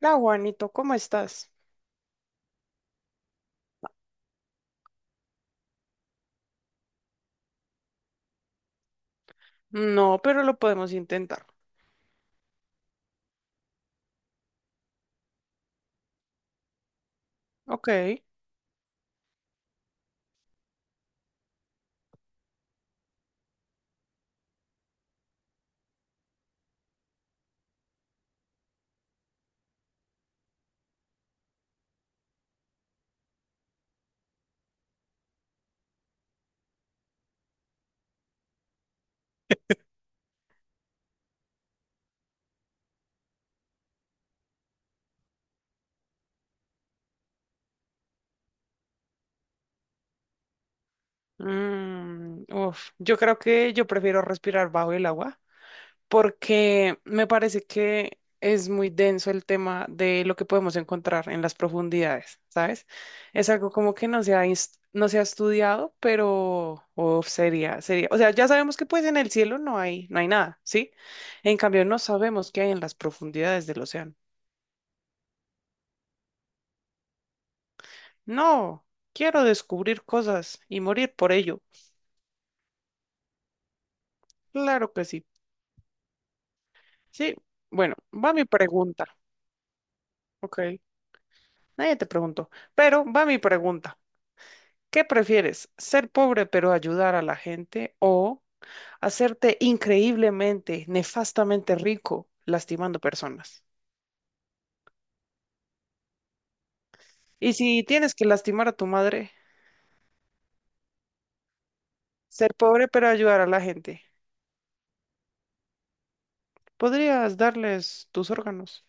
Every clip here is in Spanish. La Juanito, ¿cómo estás? No, pero lo podemos intentar. Ok. Yo creo que yo prefiero respirar bajo el agua porque me parece que es muy denso el tema de lo que podemos encontrar en las profundidades, ¿sabes? Es algo como que no se ha estudiado, pero uf, sería. O sea, ya sabemos que pues en el cielo no hay nada, ¿sí? En cambio, no sabemos qué hay en las profundidades del océano. No, quiero descubrir cosas y morir por ello. Claro que sí. Sí, bueno, va mi pregunta. Ok, nadie te preguntó, pero va mi pregunta. ¿Qué prefieres? ¿Ser pobre pero ayudar a la gente o hacerte increíblemente, nefastamente rico lastimando personas? Y si tienes que lastimar a tu madre, ser pobre pero ayudar a la gente, podrías darles tus órganos.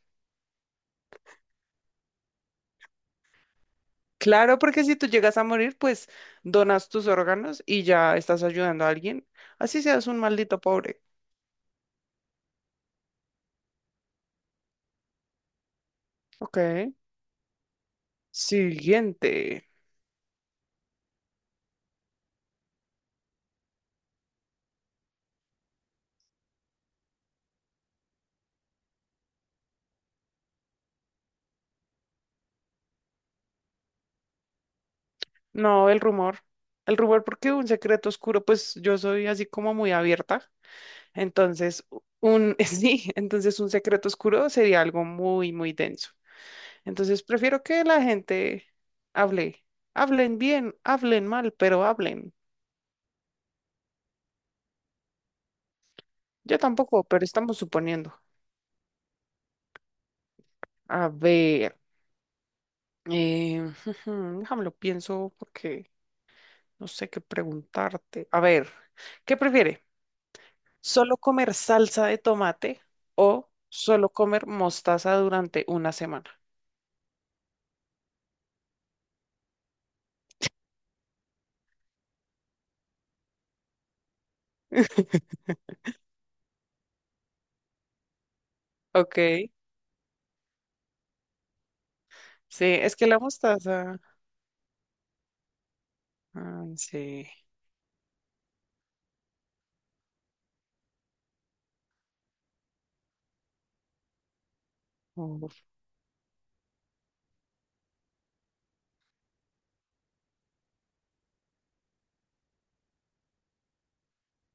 Claro, porque si tú llegas a morir, pues donas tus órganos y ya estás ayudando a alguien. Así seas un maldito pobre. Ok. Siguiente. No, el rumor. El rumor, porque un secreto oscuro, pues yo soy así como muy abierta. Entonces, sí, entonces un secreto oscuro sería algo muy denso. Entonces, prefiero que la gente hable. Hablen bien, hablen mal, pero hablen. Yo tampoco, pero estamos suponiendo. A ver. Eh, déjame lo pienso porque no sé qué preguntarte. A ver, ¿qué prefiere? ¿Solo comer salsa de tomate o solo comer mostaza durante una semana? Ok, sí, es que la mostaza. Ay, sí. uf,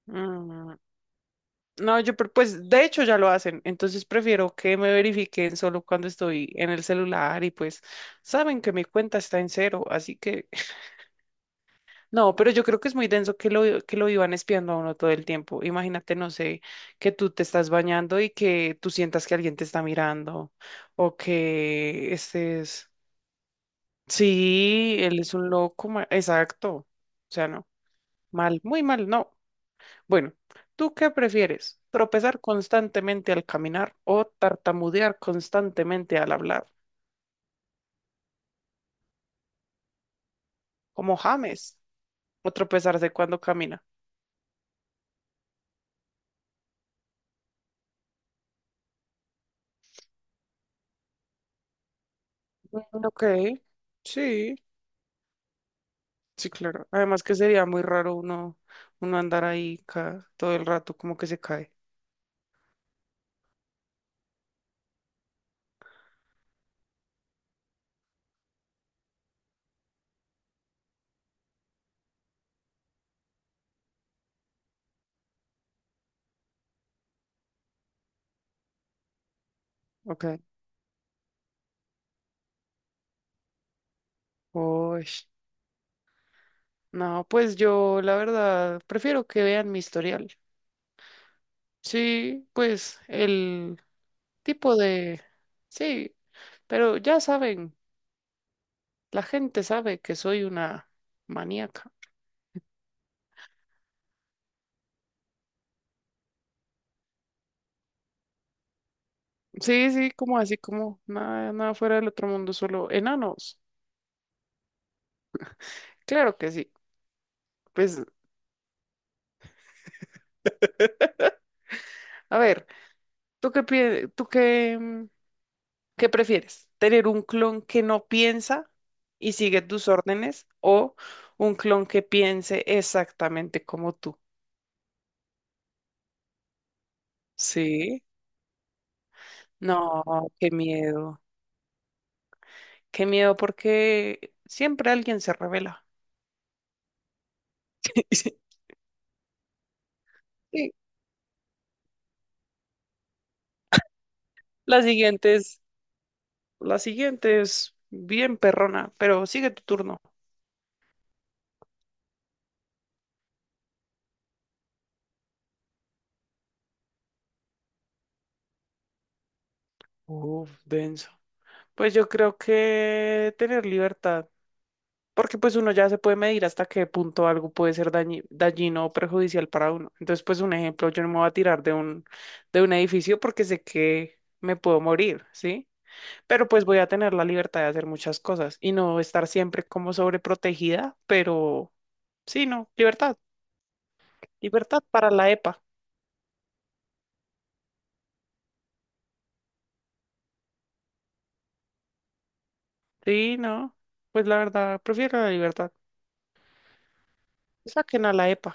mm, No, pues de hecho ya lo hacen, entonces prefiero que me verifiquen solo cuando estoy en el celular y pues saben que mi cuenta está en cero, así que no, pero yo creo que es muy denso que lo iban espiando a uno todo el tiempo. Imagínate, no sé, que tú te estás bañando y que tú sientas que alguien te está mirando o que estés... Sí, él es un loco, exacto. O sea, no, mal, muy mal, no. Bueno, ¿tú qué prefieres? ¿Tropezar constantemente al caminar o tartamudear constantemente al hablar? Como James, o tropezarse cuando camina. Ok, sí. Sí, claro. Además que sería muy raro uno andar ahí todo el rato como que se cae. Ok. Uy, no, pues yo la verdad prefiero que vean mi historial. Sí, pues el tipo de... Sí, pero ya saben, la gente sabe que soy una maníaca. Sí, sí, como así, como nada, nada fuera del otro mundo, solo enanos. Claro que sí. Pues, a ver, ¿tú qué piensas? ¿Tú qué? ¿Qué prefieres? ¿Tener un clon que no piensa y sigue tus órdenes o un clon que piense exactamente como tú? Sí. No, qué miedo. Qué miedo porque siempre alguien se revela. Sí. La siguiente es, la siguiente es bien perrona, pero sigue tu turno. Uf, denso. Pues yo creo que tener libertad, porque pues uno ya se puede medir hasta qué punto algo puede ser dañino o perjudicial para uno. Entonces, pues un ejemplo, yo no me voy a tirar de un edificio porque sé que me puedo morir, ¿sí? Pero pues voy a tener la libertad de hacer muchas cosas y no estar siempre como sobreprotegida, pero sí, no, libertad, libertad para la EPA. Sí, no, pues la verdad, prefiero la libertad. Saquen a la EPA.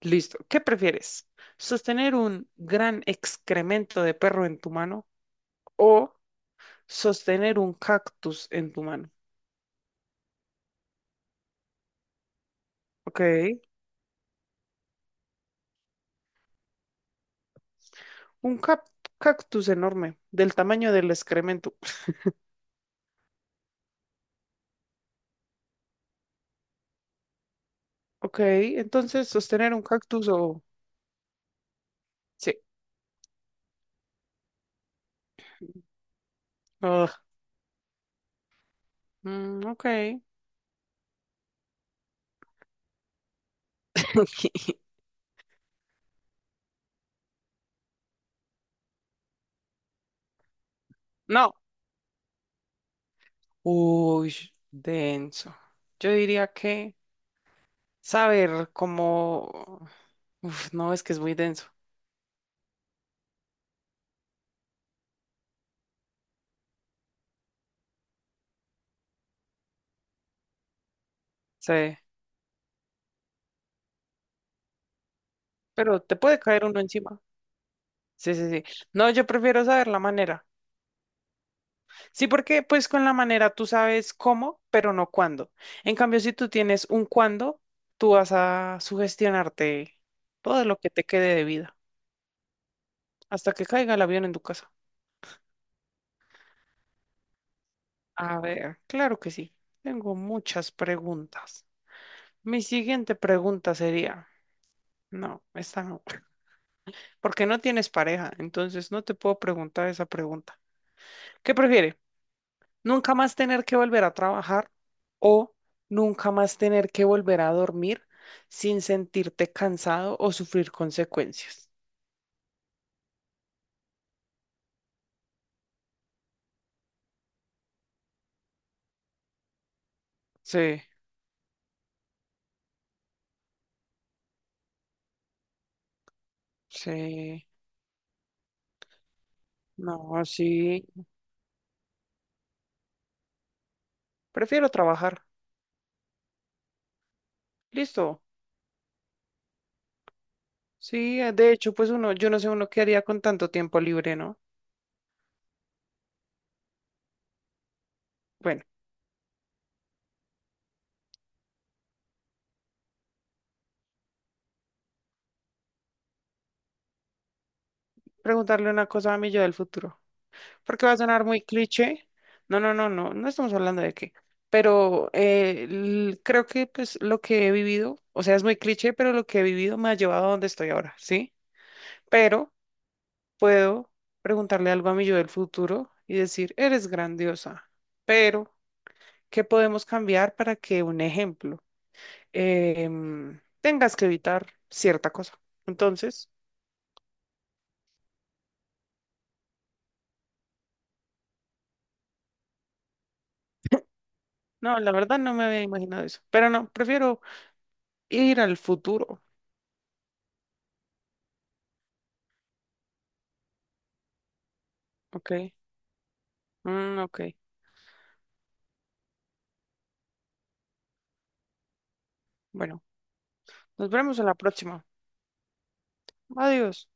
Listo. ¿Qué prefieres? ¿Sostener un gran excremento de perro en tu mano o sostener un cactus en tu mano? Ok. Un cactus enorme, del tamaño del excremento. Ok. Entonces, sostener un cactus o... Sí. Ugh. Mm, ok. No. Uy, denso. Yo diría que saber cómo... Uf, no, es que es muy denso. Sí. Pero te puede caer uno encima. Sí. No, yo prefiero saber la manera. Sí, porque pues con la manera tú sabes cómo, pero no cuándo. En cambio, si tú tienes un cuándo, tú vas a sugestionarte todo lo que te quede de vida hasta que caiga el avión en tu casa. A ver, claro que sí. Tengo muchas preguntas. Mi siguiente pregunta sería, no, esta no, porque no tienes pareja, entonces no te puedo preguntar esa pregunta. ¿Qué prefieres? Nunca más tener que volver a trabajar o nunca más tener que volver a dormir sin sentirte cansado o sufrir consecuencias. Sí, sí, no, sí, prefiero trabajar. Listo. Sí, de hecho, pues uno, yo no sé uno qué haría con tanto tiempo libre, ¿no? Bueno, preguntarle una cosa a mi yo del futuro, porque va a sonar muy cliché. No estamos hablando de qué. Pero creo que pues lo que he vivido, o sea, es muy cliché, pero lo que he vivido me ha llevado a donde estoy ahora, ¿sí? Pero puedo preguntarle algo a mi yo del futuro y decir, eres grandiosa, pero ¿qué podemos cambiar para que, un ejemplo, tengas que evitar cierta cosa? Entonces, no, la verdad no me había imaginado eso, pero no, prefiero ir al futuro, ¿ok? Mm, ok. Bueno, nos vemos en la próxima. Adiós.